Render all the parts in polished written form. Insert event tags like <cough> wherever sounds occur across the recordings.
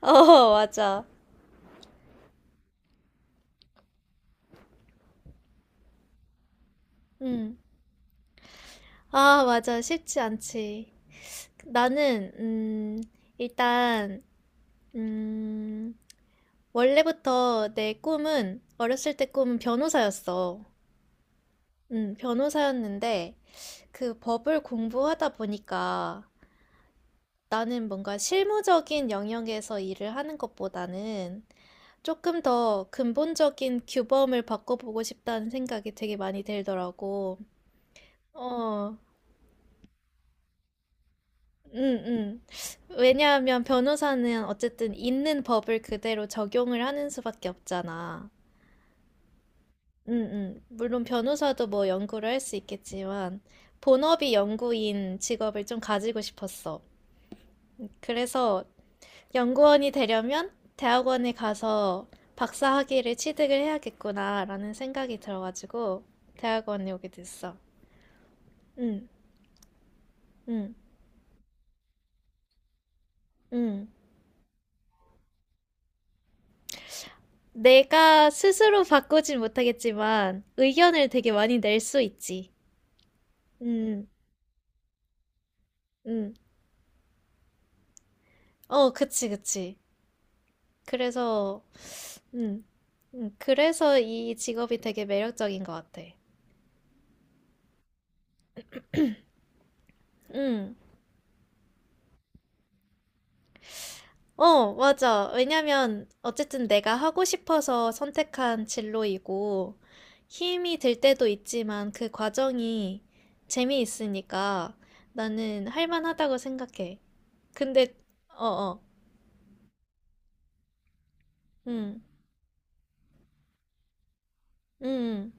어, <laughs> 맞아. 음. 아, 맞아. 쉽지 않지. 나는, 일단, 음, 원래부터 내 꿈은, 어렸을 때 꿈은 변호사였어. 변호사였는데, 그 법을 공부하다 보니까 나는 뭔가 실무적인 영역에서 일을 하는 것보다는 조금 더 근본적인 규범을 바꿔보고 싶다는 생각이 되게 많이 들더라고. 어, 음, 왜냐하면 변호사는 어쨌든 있는 법을 그대로 적용을 하는 수밖에 없잖아. 물론 변호사도 뭐 연구를 할 수 있겠지만, 본업이 연구인 직업을 좀 가지고 싶었어. 그래서 연구원이 되려면 대학원에 가서 박사 학위를 취득을 해야겠구나라는 생각이 들어가지고 대학원에 오게 됐어. 응, 응, 응. 내가 스스로 바꾸진 못하겠지만 의견을 되게 많이 낼 수 있지. 음, 음. 어, 그치, 그치. 그래서, 음, 그래서 이 직업이 되게 매력적인 것 같아. 음. 어, 맞아. 왜냐면 어쨌든 내가 하고 싶어서 선택한 진로이고 힘이 들 때도 있지만 그 과정이 재미있으니까 나는 할 만하다고 생각해. 근데, 어, 어. 음, 음.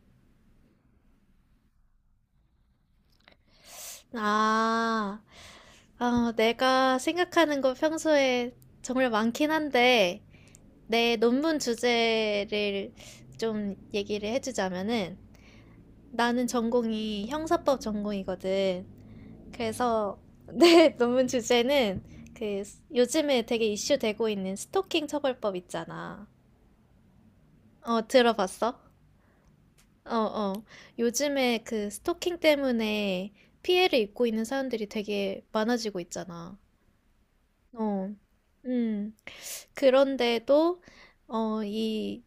아, 어, 내가 생각하는 거 평소에 정말 많긴 한데, 내 논문 주제를 좀 얘기를 해주자면은, 나는 전공이 형사법 전공이거든. 그래서 <laughs> 내 논문 주제는 그 요즘에 되게 이슈되고 있는 스토킹 처벌법 있잖아. 어, 들어봤어? 어, 어. 요즘에 그 스토킹 때문에 피해를 입고 있는 사람들이 되게 많아지고 있잖아. 어, 음. 그런데도, 이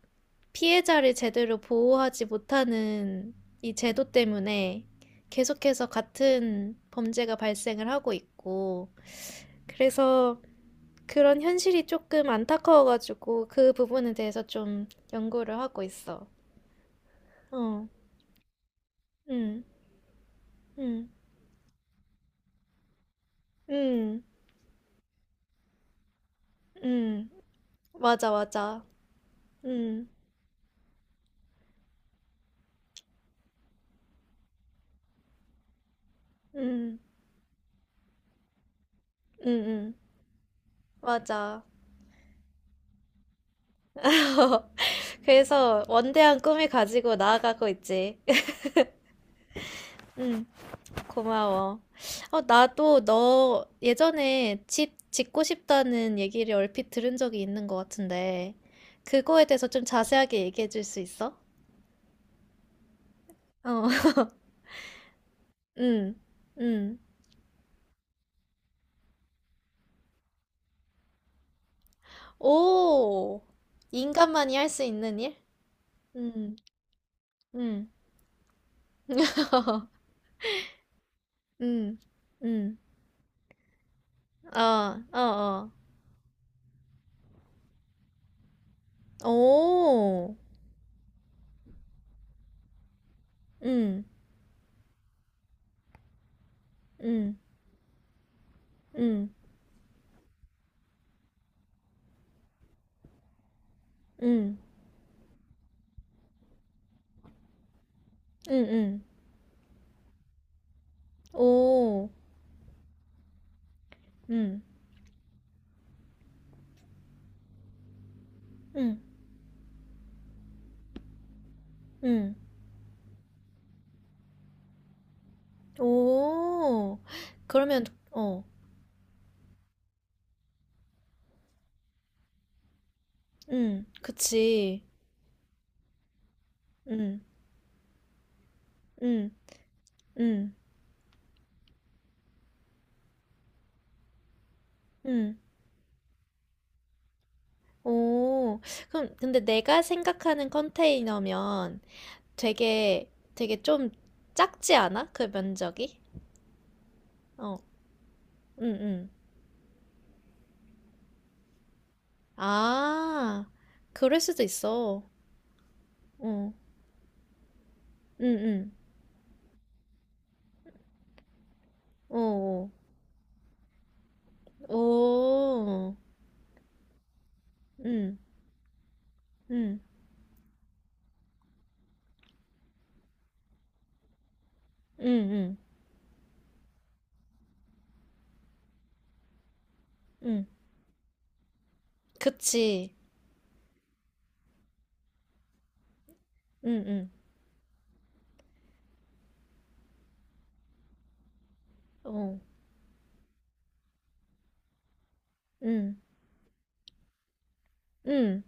피해자를 제대로 보호하지 못하는 이 제도 때문에 계속해서 같은 범죄가 발생을 하고 있고, 그래서 그런 현실이 조금 안타까워가지고 그 부분에 대해서 좀 연구를 하고 있어. 어, 음, 음, 음, 음. 맞아, 맞아. 음, 음, 음, 음. 맞아. <laughs> 그래서 원대한 꿈을 가지고 나아가고 있지. <laughs> 응, 고마워. 어, 나도 너 예전에 집 짓고 싶다는 얘기를 얼핏 들은 적이 있는 것 같은데, 그거에 대해서 좀 자세하게 얘기해 줄 수 있어? 어, <laughs> 응, 응. 오, 인간만이 할 수 있는 일? 응, 응, <laughs> 응, 응. 어, 어, 어. 오, 응, 응, 응, 응, 응, 응. 오. 응, 응, 응, 오. 그러면 어. 응, 그치. 응, 응, 응, 응, 오. 그럼 근데 내가 생각하는 컨테이너면 되게 좀 작지 않아? 그 면적이? 어. 응, 응. 아. 그럴 수도 있어. 어. 응, 응, 오. 오. 오. 응, 응, 응, 응, 응. 그치. 응응. 어. 응. 응.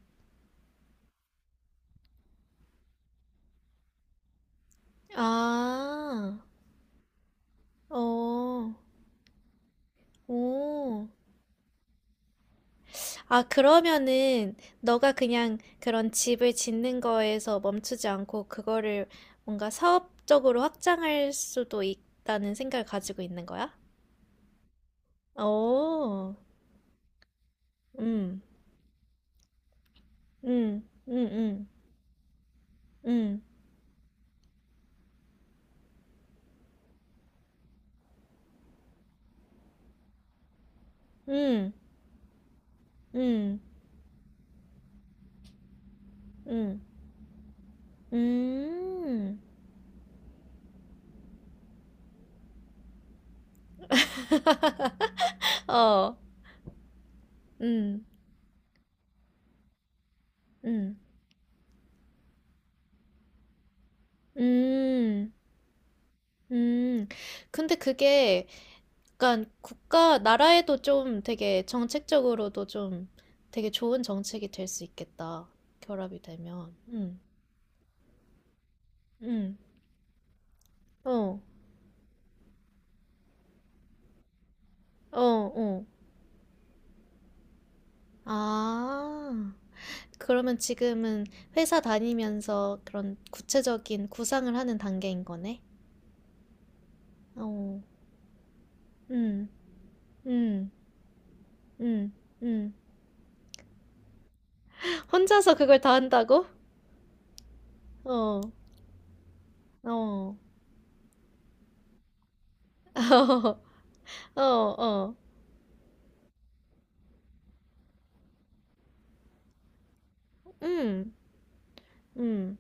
아. 어. 오. 아, 그러면은 너가 그냥 그런 집을 짓는 거에서 멈추지 않고 그거를 뭔가 사업적으로 확장할 수도 있다는 생각을 가지고 있는 거야? 오. 음. 음. 음. 음. 음. 음. 음. 음. 음. 어. 음. 음. 음. 음. 근데 그게 약간 국가, 나라에도 좀 되게 정책적으로도 좀 되게 좋은 정책이 될 수 있겠다. 결합이 되면. 음. 음. 어. 어, 어. 아. 그러면 지금은 회사 다니면서 그런 구체적인 구상을 하는 단계인 거네? 어. 음. 음. 음. 음. 혼자서 그걸 다 한다고? 어. 어. <laughs> 어. 어. 음. 음.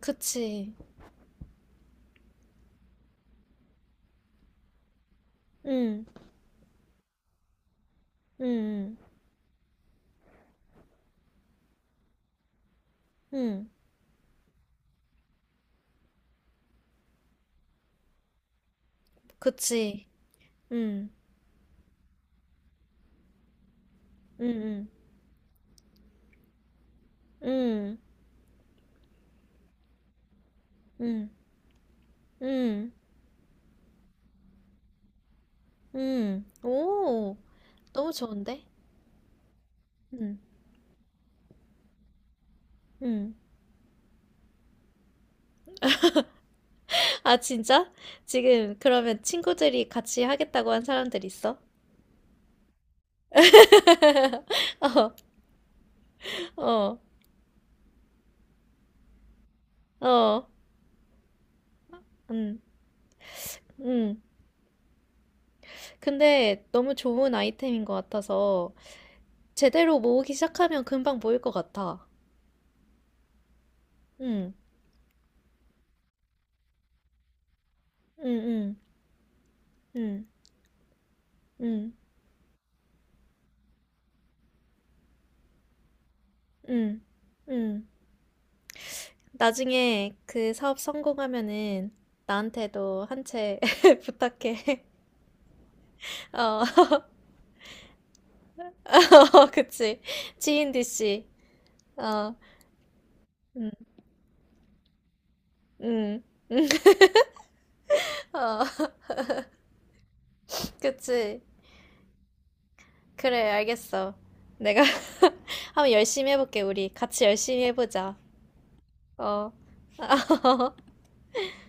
그치. 응, 응, 응, 그치. 응, 응, 응, 응, 응, 응, 응. 오, 너무 좋은데? 응, 응. <laughs> 아, 진짜? 지금 그러면 친구들이 같이 하겠다고 한 사람들 있어? <laughs> 어, 어, 어, 응, 응. 근데 너무 좋은 아이템인 것 같아서 제대로 모으기 시작하면 금방 모일 것 같아. 응, 응, 응, 응, 응. 응, 응. 나중에 그 사업 성공하면은 나한테도 한 채 <laughs> 부탁해. <laughs> 어, <laughs> 그치. 지인 d 씨. 어, 응, 응. <laughs> 어, 그치. 그래, 알겠어. 내가 <laughs> 한번 열심히 해볼게, 우리. 같이 열심히 해보자. 어. <laughs>